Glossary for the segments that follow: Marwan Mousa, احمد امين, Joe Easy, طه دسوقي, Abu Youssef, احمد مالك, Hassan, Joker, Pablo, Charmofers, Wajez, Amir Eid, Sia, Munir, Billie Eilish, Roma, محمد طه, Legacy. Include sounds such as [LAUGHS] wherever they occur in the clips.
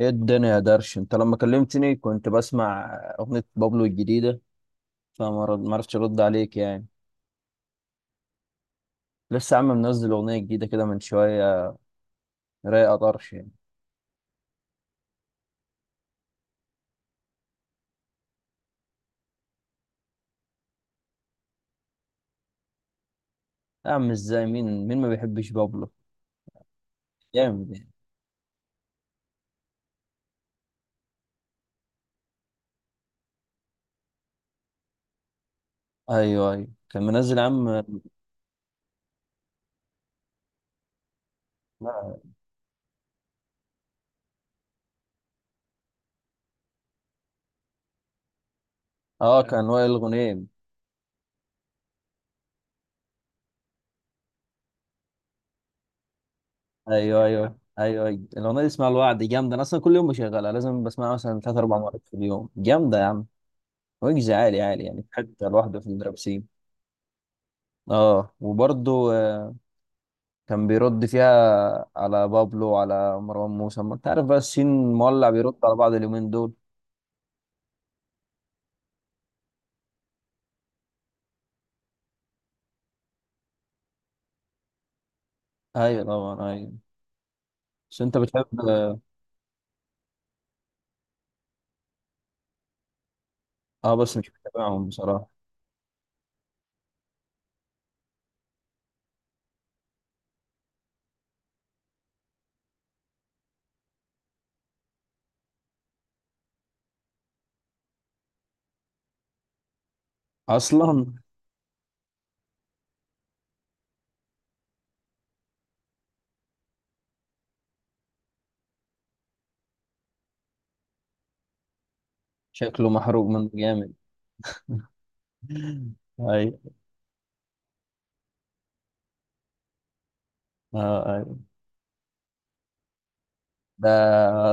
ايه الدنيا يا درش، انت لما كلمتني كنت بسمع اغنية بابلو الجديدة، ما عرفتش ارد عليك يعني. لسه يا عم منزل اغنية جديدة كده من شوية، رايقة طرش يعني. يا عم ازاي، مين مين ما بيحبش بابلو؟ جامد يعني. ايوه ايوه، كان منزل يا عم. اه كان وائل الغنيم. ايوه ايوه ايوه ايوه. الاغنية دي اسمها الوعد، جامدة، انا اصلا كل يوم بشغلها لازم بسمعها مثلا ثلاث اربع مرات في اليوم، جامدة يا عم. ويجز عالي عالي يعني حتى لوحده في المدرسين. اه وبرضه كان بيرد فيها على بابلو وعلى مروان موسى، ما انت عارف بقى السين مولع بيرد على بعض اليومين دول. ايوه طبعا ايوه. بس انت بتحب، اه. آه، بس مش بتابعهم بصراحة. اصلا شكله محروق من جامد. ايوه. اه ايوه. ده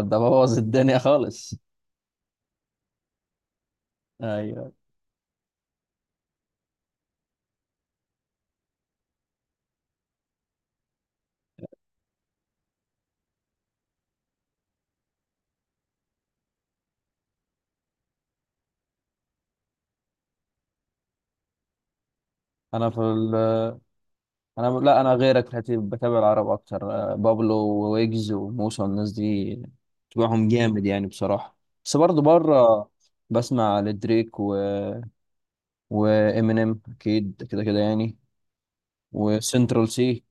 ده بوظ الدنيا خالص. ايوه. انا في ال... انا، لا، انا غيرك في الحته دي، بتابع العرب اكتر، آه، بابلو وويجز وموسى والناس دي، بتابعهم جامد يعني بصراحة. بس برضه بره بسمع لدريك و وامينيم، اكيد كده كده يعني. وسنترال سي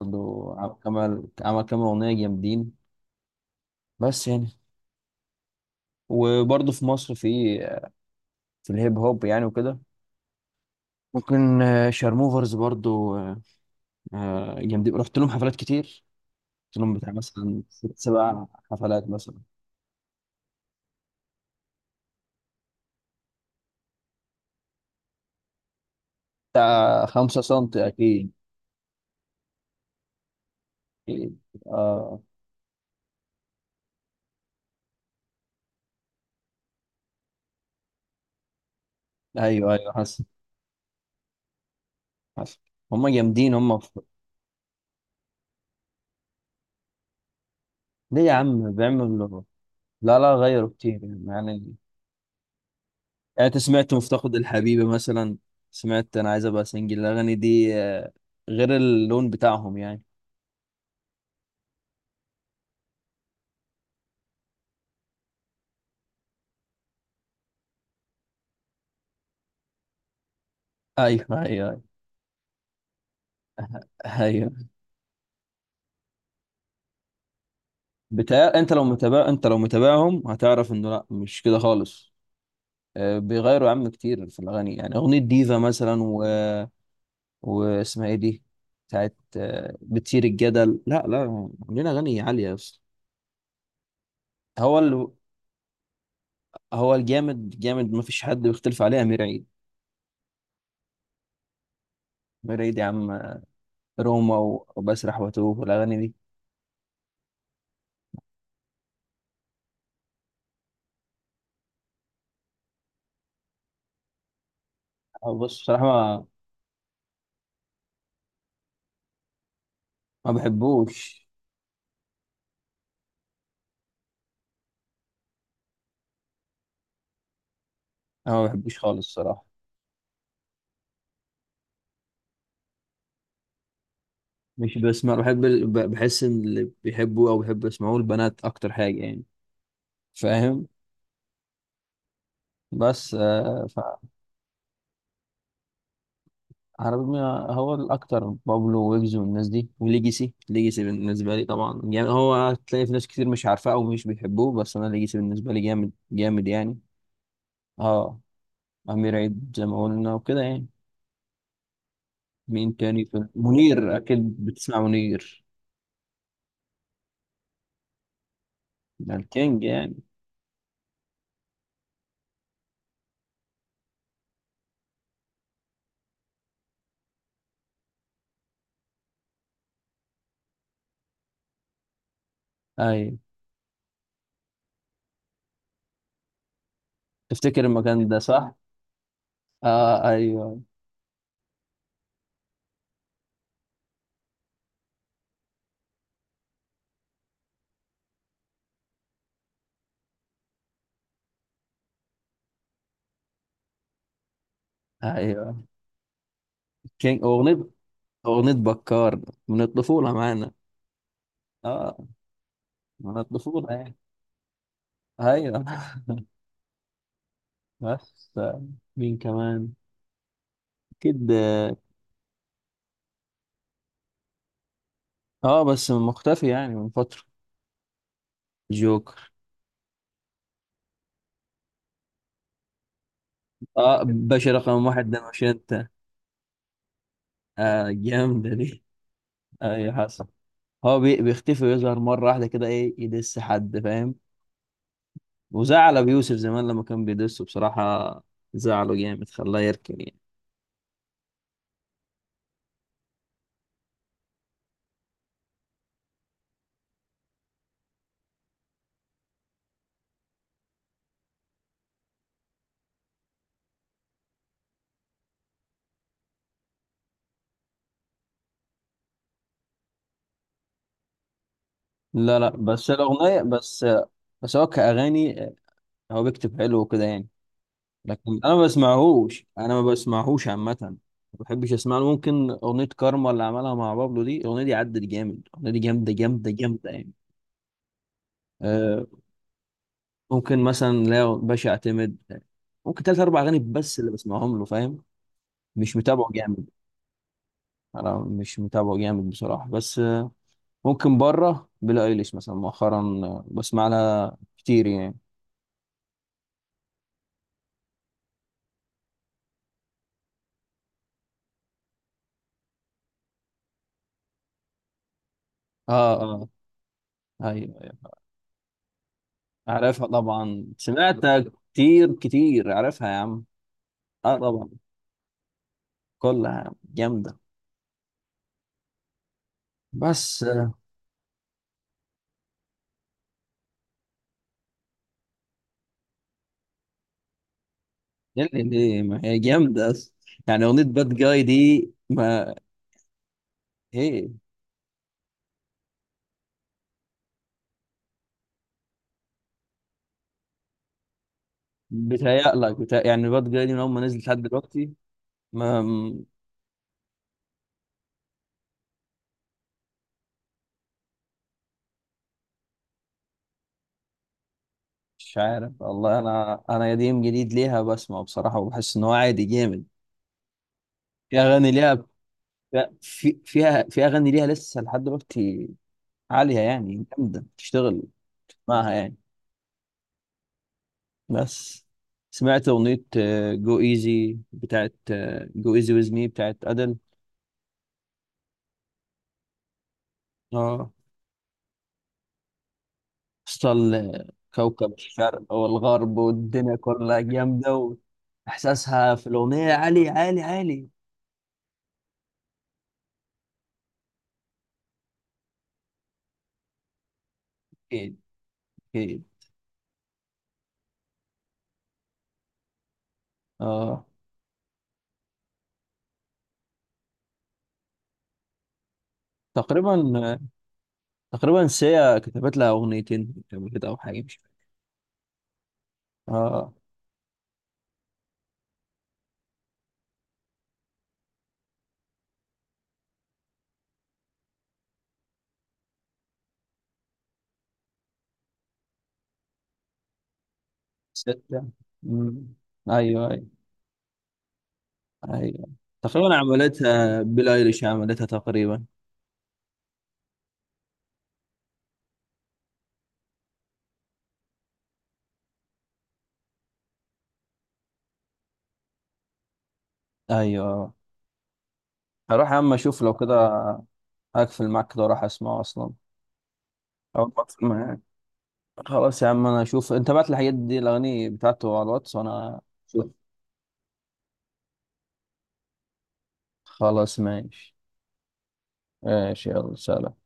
برضه. عمل كام اغنيه جامدين. بس يعني. وبرضه في مصر، في الهيب هوب يعني وكده، ممكن آه، شارموفرز برضه آه، آه، جامدين، رحت لهم حفلات كتير. رحت لهم بتاع مثلا ست سبع حفلات مثلا. بتاع خمسة سنتي أكيد. أكيد. آه. أيوه أيوه حسن. حسن. هما جامدين، ليه يا عم بيعملوا؟ لا لا، غيروا كتير يعني، يعني انت سمعت مفتقد الحبيبة مثلا؟ سمعت انا عايز ابقى سنجل، الاغاني دي آه، غير اللون بتاعهم يعني. ايوه ايوه ايوه. بتاع، انت لو متابعهم هتعرف انه لا مش كده خالص. آه، بيغيروا يا عم كتير في الاغاني يعني، اغنية ديفا مثلا واسمها ايه دي، بتاعت آه، بتثير الجدل، لا لا، عاملين اغاني عالية اصلا. هو ال... هو الجامد جامد ما فيش حد بيختلف عليه، امير عيد. امير عيد يا عم آه، روما وبسرح واتوه والاغاني دي. أو بص بصراحة، ما بحبوش. أنا ما بحبوش خالص الصراحة. مش بسمع، بحب بحس إن اللي بيحبوه أو بيحبوا يسمعوه البنات أكتر حاجة يعني، فاهم. بس آه. فعربي، هو الأكتر بابلو ويجز والناس دي وليجيسي. ليجيسي بالنسبة لي طبعا جامد، هو هتلاقي في ناس كتير مش عارفاه أو مش بيحبوه، بس أنا ليجيسي بالنسبة لي جامد جامد يعني. أه. أمير عيد زي ما قلنا وكده يعني. مين تاني؟ في منير أكيد، بتسمع منير؟ ده الكينج يعني. أيوة. تفتكر المكان ده صح؟ اه ايوه ايوه. كينج. اغنية، اغنية بكار، من الطفولة معانا. اه من الطفولة يعني. ايوه. [LAUGHS] بس آه، مين كمان؟ اكيد اه. آه، بس مختفي يعني من فترة. جوكر. اه، باشا رقم واحد، ده مش انت؟ اه جامدة دي. ايوه حصل. هو بيختفي ويظهر مرة واحدة كده، ايه، يدس حد، فاهم. وزعل ابو يوسف زمان لما كان بيدسه بصراحة. زعله جامد، خلاه يركن يعني. لا لا، بس الأغنية بس. بس هو كأغاني، هو بيكتب حلو وكده يعني، لكن أنا ما بسمعهوش. أنا ما بسمعهوش عامة، ما بحبش أسمع له. ممكن أغنية كارما اللي عملها مع بابلو، دي الأغنية دي عدت جامد، الأغنية دي جامدة جامدة جامدة يعني. أه. ممكن مثلا، لا، باشا أعتمد ممكن تلات أربع أغاني بس اللي بسمعهم له، فاهم. مش متابعه جامد. أنا مش متابعه جامد بصراحة، بس آه، ممكن بره بيلي أيليش مثلا مؤخرا آه، بسمع لها كتير يعني. اه اه ايوه عارفها طبعا، سمعتها كتير كتير، عارفها يا عم. اه طبعا. كلها جامدة. بس آه. اللي ليه، ما هي جامدة، يعني أغنية باد جاي دي ما. ايه، بتهيألك بتهيأ يعني؟ باد جاي دي من أول ما نزلت لحد دلوقتي ما م- مش عارف والله، أنا قديم جديد ليها بسمع بصراحة وبحس إن هو عادي جامد. في أغاني ليها، في أغاني ليها لسه لحد دلوقتي عالية يعني، جامدة تشتغل معاها يعني. بس سمعت أغنية، جو ايزي بتاعت جو ايزي ويز مي بتاعت أدل. اه، وصل كوكب الشرق والغرب والدنيا كلها، جامدة. وإحساسها في الأغنية عالي عالي عالي. أكيد. أكيد. اه تقريبا. تقريبا سيا كتبت لها أغنيتين قبل كده أو حاجة، مش فاكر. اه. ستة. أمم. أيوه أيوه. أيوه. تقريبا عملتها بيلي ايليش، عملتها تقريبا. أيوه. هروح يا عم اشوف لو كده. هقفل معاك كده واروح اسمعه اصلا. او أقفل معاك. خلاص يا عم، انا اشوف انت بعت الحاجات دي، الاغاني بتاعته على الواتس، وانا اشوف. خلاص ماشي. ماشي يلا سلام.